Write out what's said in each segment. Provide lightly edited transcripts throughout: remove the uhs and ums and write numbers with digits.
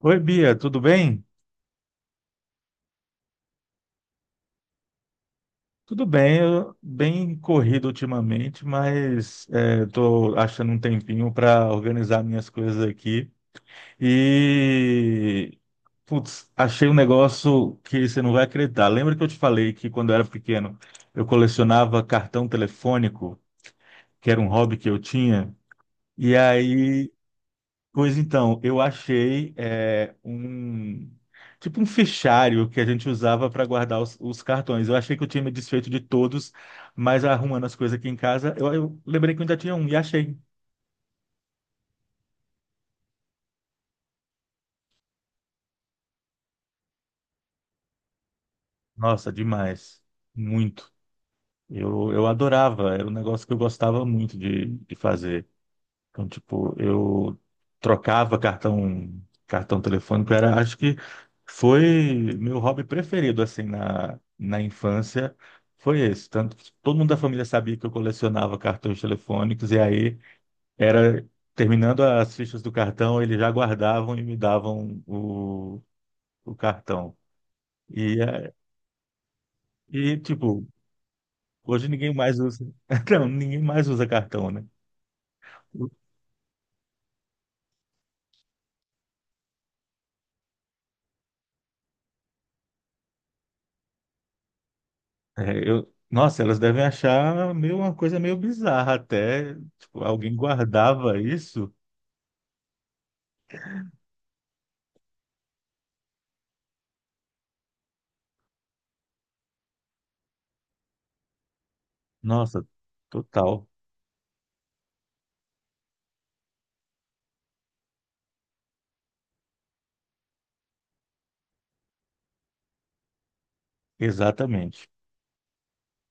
Oi, Bia, tudo bem? Tudo bem, eu bem corrido ultimamente, mas estou achando um tempinho para organizar minhas coisas aqui. E, putz, achei um negócio que você não vai acreditar. Lembra que eu te falei que quando eu era pequeno eu colecionava cartão telefônico, que era um hobby que eu tinha? E aí Pois então, eu achei tipo um fichário que a gente usava para guardar os cartões. Eu achei que eu tinha me desfeito de todos, mas arrumando as coisas aqui em casa, eu lembrei que eu ainda tinha um e achei. Nossa, demais. Muito. Eu adorava, era um negócio que eu gostava muito de fazer. Então, tipo, eu trocava cartão, cartão telefônico, era, acho que foi meu hobby preferido, assim, na infância, foi esse. Tanto que todo mundo da família sabia que eu colecionava cartões telefônicos, e aí era, terminando as fichas do cartão, eles já guardavam e me davam o cartão. E, é, e, tipo, hoje ninguém mais usa, não, ninguém mais usa cartão, né? É, eu, nossa, elas devem achar meio, uma coisa meio bizarra até. Tipo, alguém guardava isso? Nossa, total. Exatamente.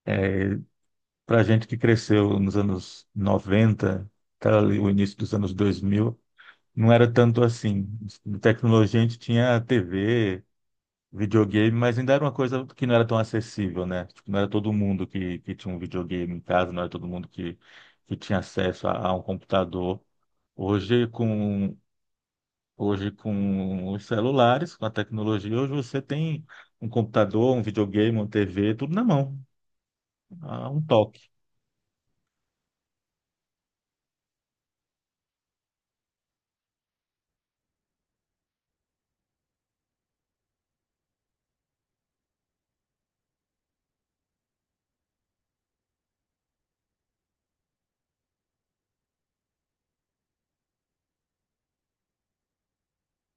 É, para gente que cresceu nos anos 90 até ali o início dos anos 2000 não era tanto assim. De tecnologia a gente tinha TV, videogame, mas ainda era uma coisa que não era tão acessível, né? Tipo, não era todo mundo que tinha um videogame em casa, não era todo mundo que tinha acesso a um computador. Hoje, com Hoje, com os celulares, com a tecnologia, hoje você tem um computador, um videogame, uma TV, tudo na mão, a um toque.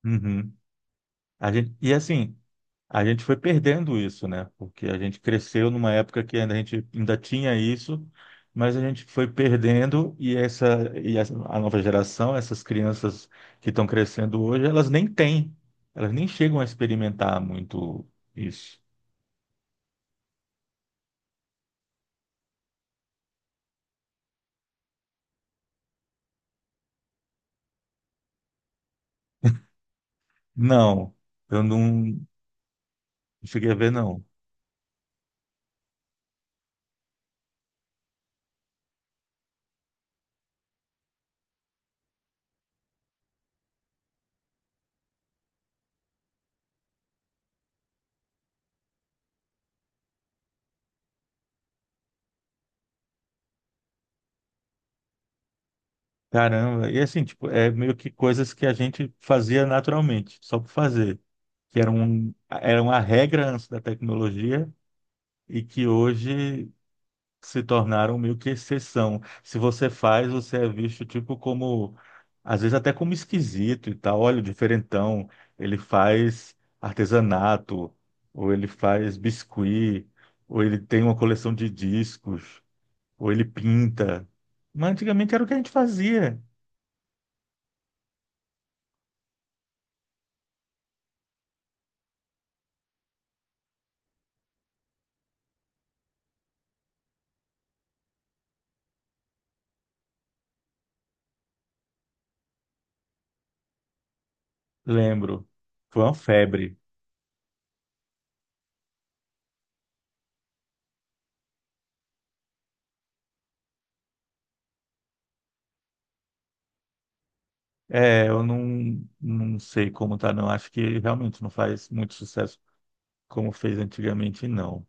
Uhum. E assim, a gente foi perdendo isso, né? Porque a gente cresceu numa época que ainda a gente ainda tinha isso, mas a gente foi perdendo a nova geração, essas crianças que estão crescendo hoje, elas nem têm, elas nem chegam a experimentar muito isso. Não, eu não cheguei a ver, não. Caramba, e assim, tipo, é meio que coisas que a gente fazia naturalmente, só por fazer, que eram, eram a regra antes da tecnologia e que hoje se tornaram meio que exceção. Se você faz, você é visto, tipo, como, às vezes até como esquisito e tal, olha o diferentão, ele faz artesanato, ou ele faz biscuit, ou ele tem uma coleção de discos, ou ele pinta. Mas antigamente era o que a gente fazia. Lembro. Foi uma febre. É, eu não sei como tá, não. Acho que realmente não faz muito sucesso como fez antigamente, não.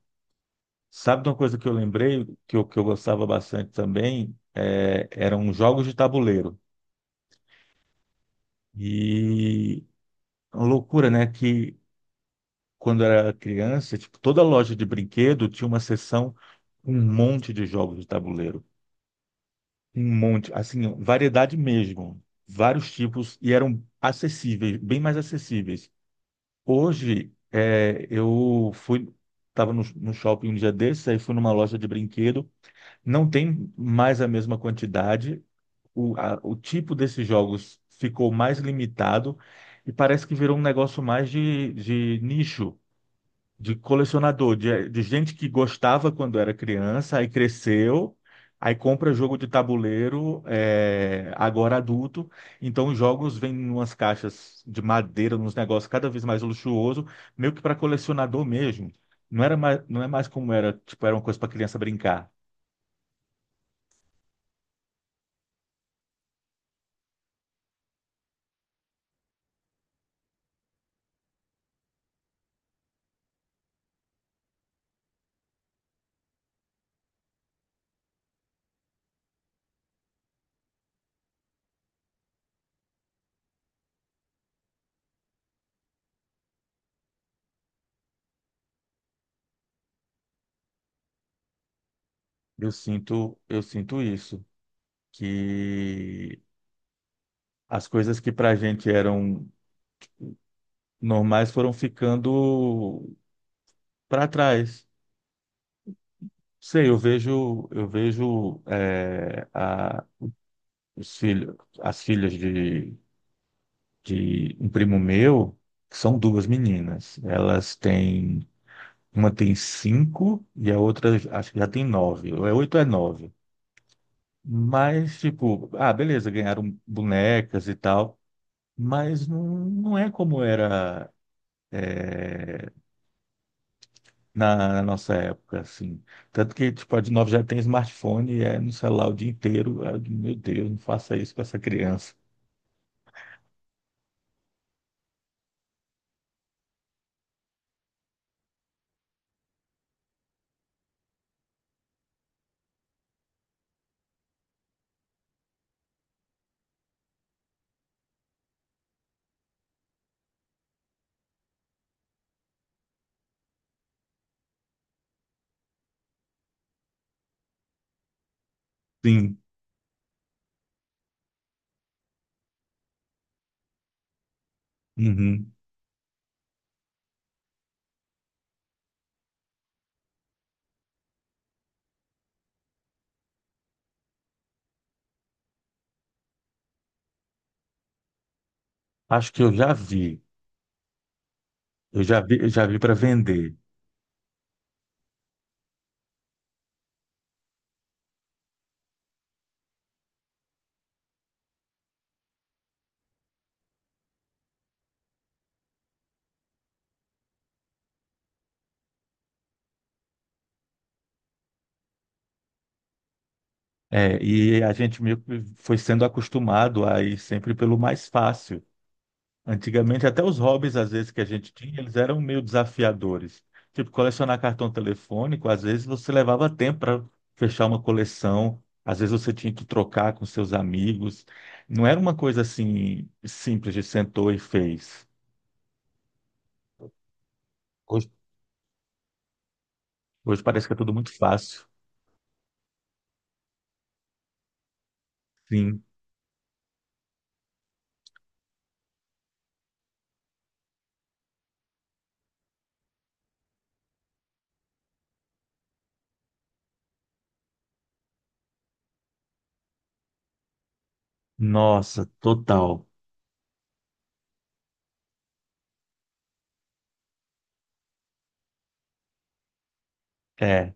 Sabe de uma coisa que eu lembrei, que eu gostava bastante também? É, eram jogos de tabuleiro. E uma loucura, né? Que quando eu era criança, tipo, toda loja de brinquedo tinha uma seção com um monte de jogos de tabuleiro. Um monte, assim, variedade mesmo. Vários tipos e eram acessíveis, bem mais acessíveis. Hoje, é, estava no shopping um dia desses, aí fui numa loja de brinquedo. Não tem mais a mesma quantidade. O tipo desses jogos ficou mais limitado e parece que virou um negócio mais de nicho de colecionador, de gente que gostava quando era criança, aí cresceu, aí compra jogo de tabuleiro, é, agora adulto. Então os jogos vêm em umas caixas de madeira, nos negócios cada vez mais luxuoso, meio que para colecionador mesmo. Não era mais, não é mais como era, tipo, era uma coisa para criança brincar. Eu sinto isso, que as coisas que para a gente eram normais foram ficando para trás. Sei, eu vejo as filhas de um primo meu, que são duas meninas. Elas têm, uma tem 5 e a outra acho que já tem 9. Ou é 8 ou é 9. Mas, tipo, ah, beleza, ganharam bonecas e tal, mas não, não é como era na nossa época, assim. Tanto que, tipo, a de 9 já tem smartphone e é no celular o dia inteiro. Ah, Meu Deus, não faça isso com essa criança. Sim. Uhum. Acho que eu já vi. Eu já vi para vender. É, e a gente meio que foi sendo acostumado a ir sempre pelo mais fácil. Antigamente, até os hobbies, às vezes, que a gente tinha, eles eram meio desafiadores. Tipo, colecionar cartão telefônico, às vezes você levava tempo para fechar uma coleção, às vezes você tinha que trocar com seus amigos. Não era uma coisa assim simples de sentou e fez. Hoje, hoje parece que é tudo muito fácil. Sim. Nossa, total. É,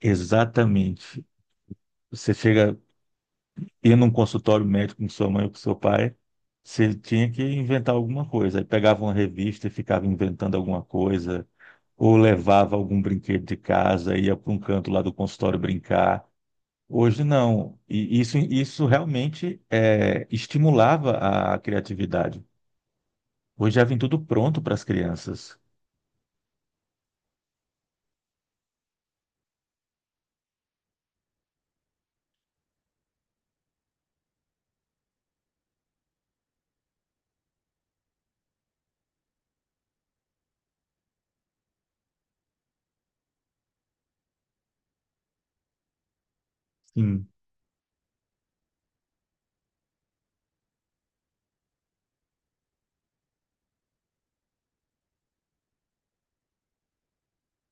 exatamente. Você chega, ia num consultório médico com sua mãe ou com seu pai, você tinha que inventar alguma coisa. Aí pegava uma revista e ficava inventando alguma coisa, ou levava algum brinquedo de casa, ia para um canto lá do consultório brincar. Hoje não. E isso realmente é, estimulava a criatividade. Hoje já vem tudo pronto para as crianças. Sim.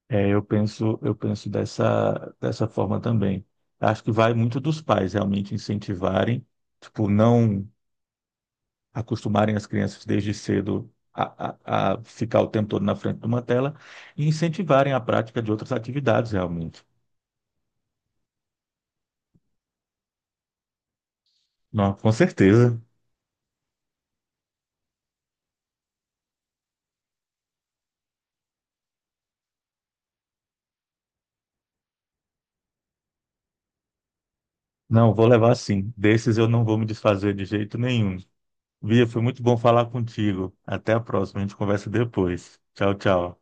É, eu penso dessa forma também. Acho que vai muito dos pais realmente incentivarem, tipo, não acostumarem as crianças desde cedo a ficar o tempo todo na frente de uma tela e incentivarem a prática de outras atividades realmente. Não, com certeza. Não, vou levar sim. Desses eu não vou me desfazer de jeito nenhum. Bia, foi muito bom falar contigo. Até a próxima, a gente conversa depois. Tchau, tchau.